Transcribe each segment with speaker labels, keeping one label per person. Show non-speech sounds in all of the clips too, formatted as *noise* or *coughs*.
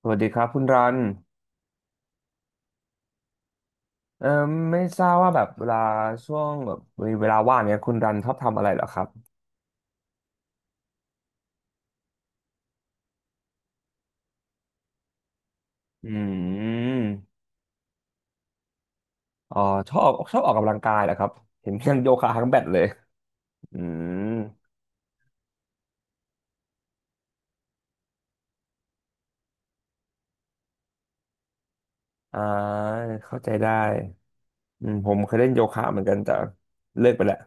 Speaker 1: สวัสดีครับคุณรันเอ่อไม่ทราบว่าแบบเวลาช่วงแบบมีเวลาว่างเนี้ยคุณรันชอบทำอะไรเหรอครับ อืมอ๋อชอบออกกำลังกายเหรอครับ เห็นยังโยคะทั้งแบดเลย อืม อ่าเข้าใจได้ผมเคยเล่นโยคะเหมือนกันแต่เลิกไปแล้ว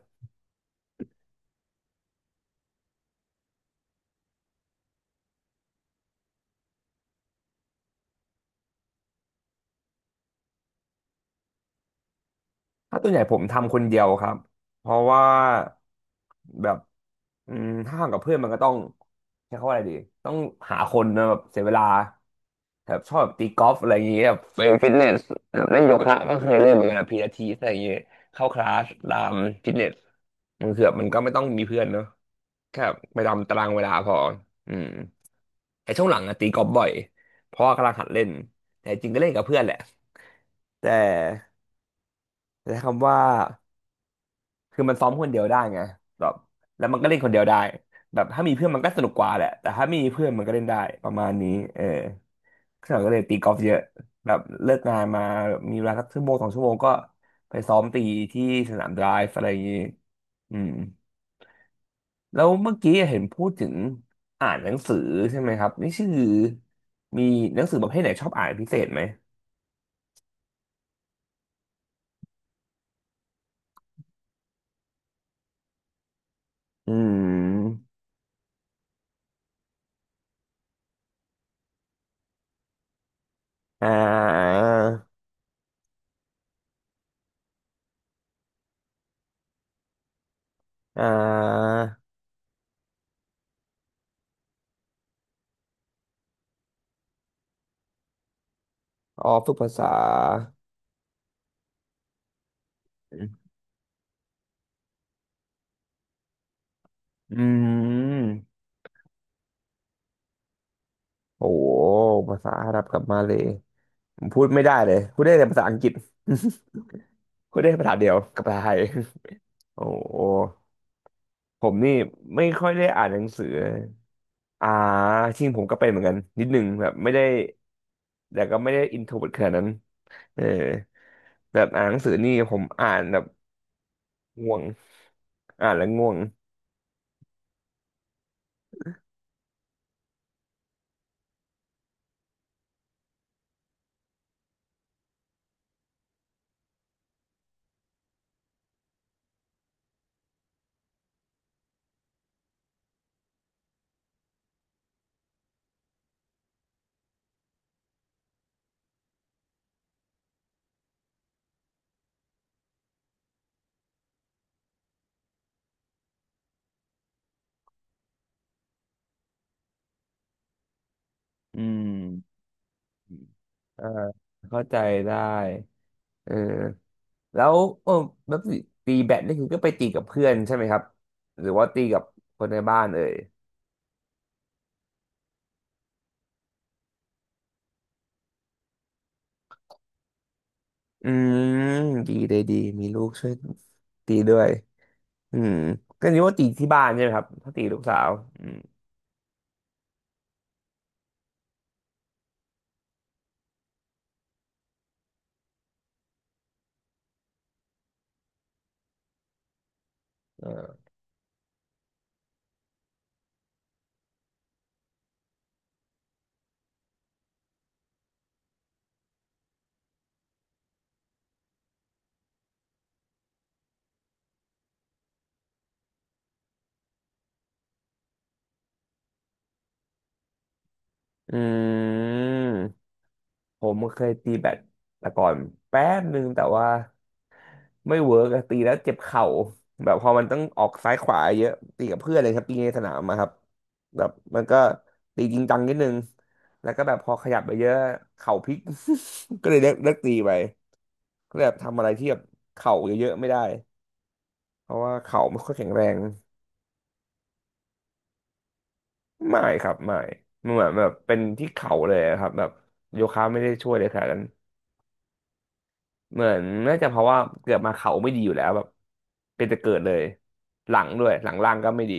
Speaker 1: ถ้าตัวใหญ่ผมทำคนเดียวครับ เพราะว่าแบบถ้าทำกับเพื่อนมันก็ต้องใช้คำว่าอะไรดีต้องหาคนนะแบบเสียเวลาแบบชอบแบบตีกอล์ฟอะไรอย่างเงี้ยแบบไปฟิตเนสแบบเล่นโยคะก็เคยเล่นเหมือนกันพีลาทิสอะไรอย่างเงี้ยเข้าคลาสตามฟิตเนสมันคือแบบมันก็ไม่ต้องมีเพื่อนเนอะแค่ไปตามตารางเวลาพออืมแต่ช่วงหลังอะตีกอล์ฟบ่อยเพราะว่ากำลังหัดเล่นแต่จริงก็เล่นกับเพื่อนแหละแต่ใช้คำว่า คือมันซ้อมคนเดียวได้ไงแบบแล้วมันก็เล่นคนเดียวได้แบบถ้ามีเพื่อนมันก็สนุกกว่าแหละแต่ถ้าไม่มีเพื่อนมันก็เล่นได้ประมาณนี้เออซ่งเราก็เลยตีกอล์ฟเยอะแบบเลิกงานมามีเวลาสักชั่วโมงสองชั่วโมงก็ไปซ้อมตีที่สนามไดรฟ์อะไรอย่างนี้อืมแล้วเมื่อกี้เห็นพูดถึงอ่านหนังสือใช่ไหมครับนี่ชื่อมีหนังสือประเภทไหนชอบอ่านเป็นพิเศษไหมอืมอ่าอ่าอาออฝึกภาษา อืมโอ้โหภาษาอาหรับกับมาเลยผมพูดไม่ได้เลยพูดได้แต่ภาษาอังกฤษ *laughs* พูดได้ภาษาเดียวกับภาษาไทยโอ้โหผมนี่ไม่ค่อยได้อ่านหนังสืออ่าจริงผมก็เป็นเหมือนกันนิดนึงแบบไม่ได้แต่ก็ไม่ได้อินโทรเวิร์ตขนาดนั้นเออแบบอ่านหนังสือนี่ผมอ่านแบบง่วงอ่านแล้วง่วง อืมอ่าเข้าใจได้เออ แล้วเออแล้วตีแบดนี่คือก็ไปตีกับเพื่อนใช่ไหมครับหรือว่าตีกับคนในบ้านเอ่ยอืมดีเลยดีมีลูกช่วยตีด้วยอืมก็นึกว่าตีที่บ้านใช่ไหมครับถ้าตีลูกสาวอืมเอออืมผมเคยตีแบดแต่ก่อนแป๊บนึงแต่ว่า ไม่เวิร์กอะตีแล้วเจ็บเข่าแบบพอมันต้องออกซ้ายขวาเยอะตีกับเพื่อนเลยครับตีในสนามอะครับแบบมันก็ตีจริงจังนิดนึงแล้วก็แบบพอขยับไปเยอะเข่าพลิก *laughs* ก็เลยเลิกตีไปก็เลยแบบทำอะไรที่แบบเข่าเยอะๆไม่ได้เพราะว่าเข่าไม่ค่อยแข็งแรงไม่ครับไม่มันเหมือนแบบเป็นที่เข่าเลยครับแบบโยคะไม่ได้ช่วยเลยขนาดนั้นเหมือนน่าจะเพราะว่าเกิดมาเข่าไม่ดีอยู่แล้วแบบเป็นแต่เกิดเลยหลังด้วยหลังล่างก็ไม่ดี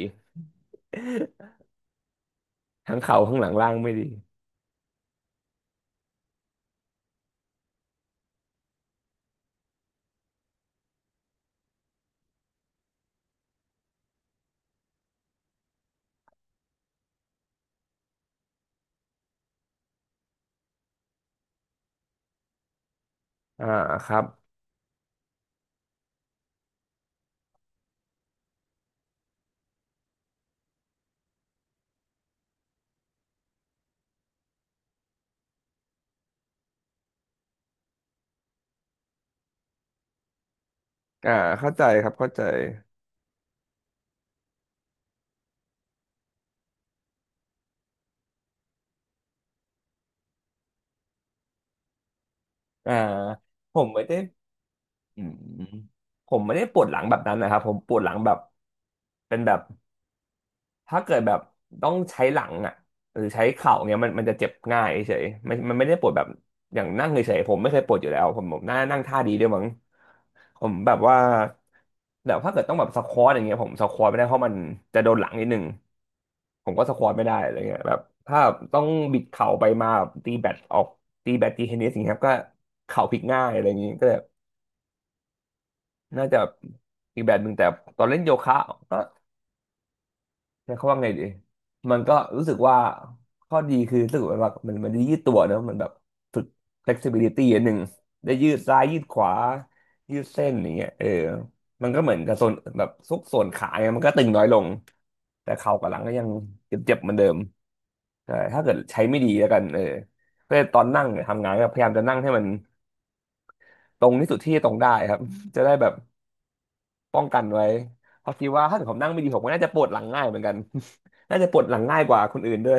Speaker 1: *laughs* ทั้งเข่าข้างหลังล่างไม่ดีอ่าครับอ่าเข้าใจครับเข้าใจอ่าผมไม่ได้อืมผมไม่ได้ปวดหลังแบบนั้นนะครับผมปวดหลังแบบเป็นแบบถ้าเกิดแบบต้องใช้หลังอ่ะหรือใช้เข่าเนี้ยมันจะเจ็บง่ายเฉยมันไม่ได้ปวดแบบอย่างนั่งเฉยๆผมไม่เคยปวดอยู่แล้วผมน่านั่งท่าดีด้วยมั้งผมแบบว่าแบบถ้าเกิดต้องแบบสควอตอย่างเงี้ยผมสควอตไม่ได้เพราะมันจะโดนหลังนิดนึง ผมก็สควอตไม่ได้อะไรเงี้ยแบบถ้าต้องบิดเข่าไปมาแบบตีแบตออกตีแบตตีเทนนิสอย่างเงี้ยครับก็เข่าพลิกง่ายอะไรอย่างงี้ก็เลยน่าจะอีกแบบหนึ่งแต่ตอนเล่นโยคะก็ใช้คำว่าไงดีมันก็รู้สึกว่าข้อดีคือรู้สึกว่ามันได้ยืดตัวเนอะมันแบบฝึก flexibility อันหนึ่งได้ยืดซ้ายยืดขวายืดเส้นอย่างเงี้ยเออมันก็เหมือนกับส่วนแบบซุกส่วนขาเนี่ยมันก็ตึงน้อยลงแต่เข่ากับหลังก็ยังเจ็บๆเหมือนเดิม ใช่ถ้าเกิดใช้ไม่ดีแล้วกันเออก็ตอนนั่งเนี่ยทำงานก็พยายามจะนั่งให้มันตรงที่สุดที่จะตรงได้ครับ *laughs* จะได้แบบป้องกันไว้เพราะคิดว่าถ้าเกิดผมนั่งไม่ดีผมก็น่าจะปวดหลังง่ายเหมือนกัน *laughs* น่าจะปวดหลังง่ายกว่าคนอื่นด้วย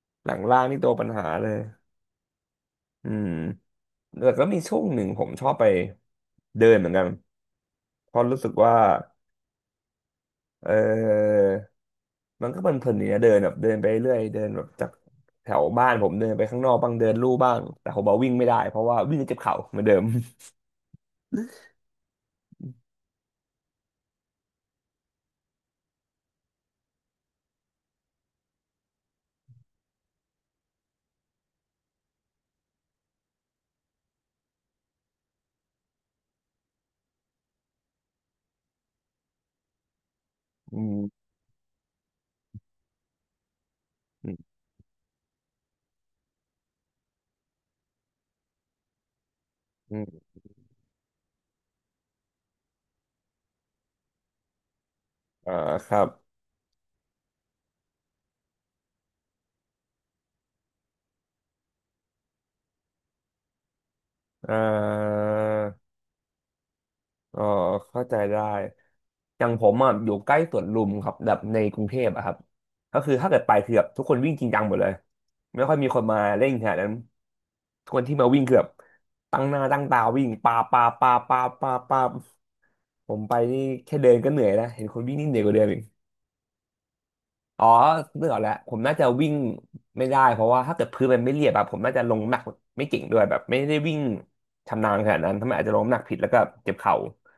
Speaker 1: *laughs* หลังล่างนี่ตัวปัญหาเลยอืมแต่ก็มีช่วงหนึ่งผมชอบไปเดินเหมือนกันเพราะรู้สึกว่าเออมันก็เพลินๆดีนะเดินแบบเดินไปเรื่อยเดินแบบจากแถวบ้านผมเดินไปข้างนอกบ้างเดินลู่บ้างแต่ผมบอกวิ่งไม่ได้เพราะว่าวิ่งจะเจ็บเข่าเหมือนเดิม *laughs* อืม อืมอ่าครับอ่าอ๋อเข้าใจได้อย่างผมอ่ะอยู่ใกล้สวนลุมครับแบบในกรุงเทพอะครับก็คือถ้าเกิดไปคือแบบทุกคนวิ่งจริงจังหมดเลยไม่ค่อยมีคนมาเล่งขนาดนั้นทุกคนที่มาวิ่งคือแบบตั้งหน้าตั้งตาวิ่งปาปาปาปาปาปาผมไปนี่แค่เดินก็เหนื่อยแล้วเห็นคนวิ่งนี่เหนื่อยกว่าเดิมอีก อ๋อนึกออกแล้วผมน่าจะวิ่งไม่ได้เพราะว่าถ้าเกิดพื้นมันไม่เรียบอะผมน่าจะลงน้ำหนักไม่เก่งด้วยแบบไม่ได้วิ่งชำนาญขนาดนั้นทำไมอาจจะลงน้ำหนักผิดแล้วก็เจ็บเข่า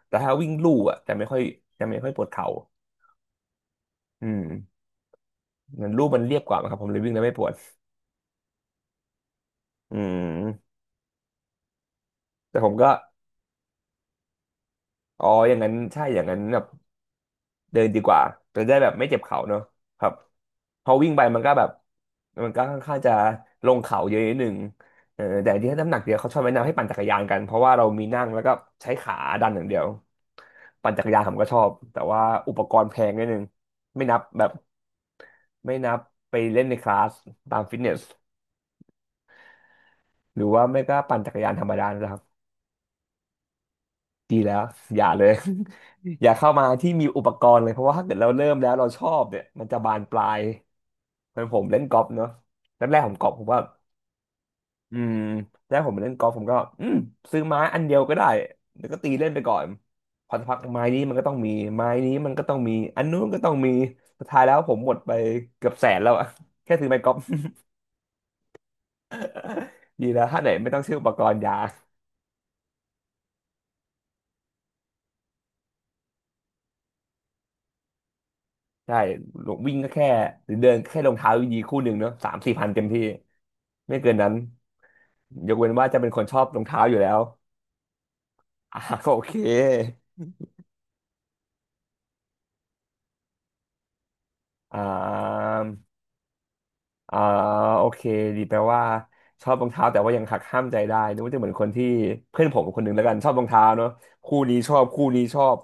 Speaker 1: แต่ถ้าวิ่งลู่อะจะไม่ค่อยปวดเข่าอืมมันลู่มันเรียบกว่ามั้งครับผมเลยวิ่งแล้วไม่ปวดอืมแต่ผมก็อ๋ออย่างนั้นใช่อย่างนั้นแบบ เดินดีกว่าจะได้แบบไม่เจ็บเข่าเนอะครับพอวิ่งไปมันก็แบบมันก็ค่อนข้างจะลงเขาเยอะนิดนึงแต่ที่น้ำหนักเดียวเขาชอบแนะนำให้ปั่นจักรยานกันเพราะว่าเรามีนั่งแล้วก็ใช้ขาดันอย่างเดียวปั่นจักรยานผมก็ชอบแต่ว่าอุปกรณ์แพงนิดนึงไม่นับแบบไม่นับไปเล่นในคลาสตามฟิตเนสหรือว่าไม่ก็ปั่นจักรยานธรรมดานะครับดีแล้วอย่าเลย *laughs* อย่าเข้ามาที่มีอุปกรณ์เลยเพราะว่าถ้าเกิดเราเริ่มแล้วเราชอบเนี่ยมันจะบานปลาย เพื่อนผมเล่นกอล์ฟเนาะแรกๆผมกอล์ฟผมว่าอืมแรกผมเล่นกอล์ฟผมก็ซื้อไม้อันเดียวก็ได้แล้วก็ตีเล่นไปก่อนพอสักพักไม้นี้มันก็ต้องมีไม้นี้มันก็ต้องมีอันนู้นก็ต้องมีสุดท้ายแล้วผมหมดไปเกือบแสนแล้วอะ *laughs* แค่ซื้อไม้กอล์ฟ *laughs* ดีแล้วถ้าไหนไม่ต้องซื้ออุปกรณ์ยาใช่ลงวิ่งก็แค่หรือเดินแค่รองเท้าดีๆคู่หนึ่งเนาะสามสี่พันเต็มที่ไม่เกินนั้นยกเว้นว่าจะเป็นคนชอบรองเท้าอยู่แล้ว *laughs* ก็โอเคอ่า อ่าโอเคดีแปลว่าชอบรองเท้าแต่ว่ายังหักห้ามใจได้นึกว่าจะเหมือนคนที่เพื่อนผมคนหนึ่งแล้วกันชอบรองเท้าเนอะคู่นี้ชอบคู่นี้ชอบ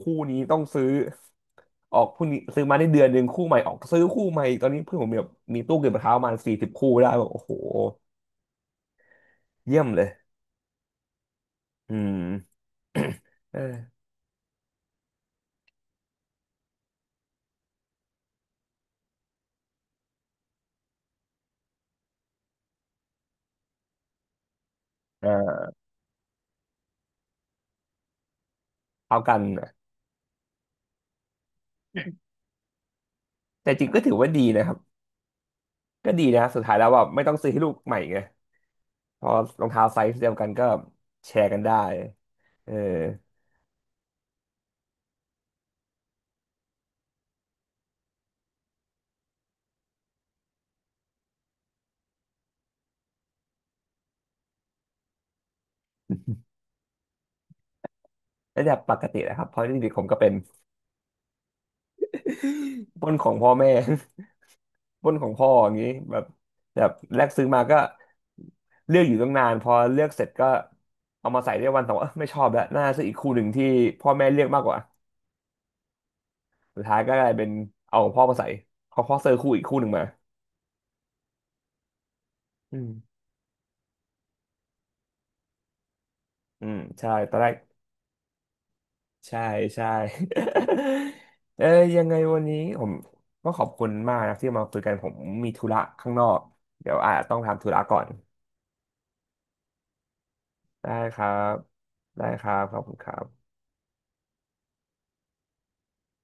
Speaker 1: คู่นี้ต้องซื้อออกคู่นี้ซื้อมาได้เดือนหนึ่งคู่ใหม่ออกซื้อคู่ใหม่ตอนนี้เพื่อนผมมีแบบมีตู้เก็บรองเท้าประมาณสี่สิบคู่ได้แบบโอ้โหเยี่ยมเลยอืม *coughs* เออเออเอากันนะแต่จริงก็ถือว่าดีนะครับก็ดีนะสุดท้ายแล้วแบบไม่ต้องซื้อให้ลูกใหม่ไงพอรองเท้าไซส์เดียวกันก็แชร์กันได้เออ ระดับปกตินะครับเพราะจริงๆผมก็เป็นปล้นของพ่อแม่ *laughs* ปล้นของพ่ออย่างนี้แบบแบบแรกซื้อมาก็เลือกอยู่ตั้งนานพอเลือกเสร็จก็เอามาใส่ได้วันสองวันเอ้อไม่ชอบแล้วน่าซื้ออีกคู่หนึ่งที่พ่อแม่เลือกมากกว่าสุดท้ายก็กลายเป็นเอาของพ่อมาใส่เขาพ่อซื้อคู่อีกคู่หนึ่งมาอืมอืมใช่ตอนแรกใช่ใช่ *laughs* เอ้ยยังไงวันนี้ผมก็ขอบคุณมากนะที่มาคุยกันผมมีธุระข้างนอกเดี๋ยวอาจจะต้องทำธุระก่อน ได้ครับได้ครับขอบคุณครับ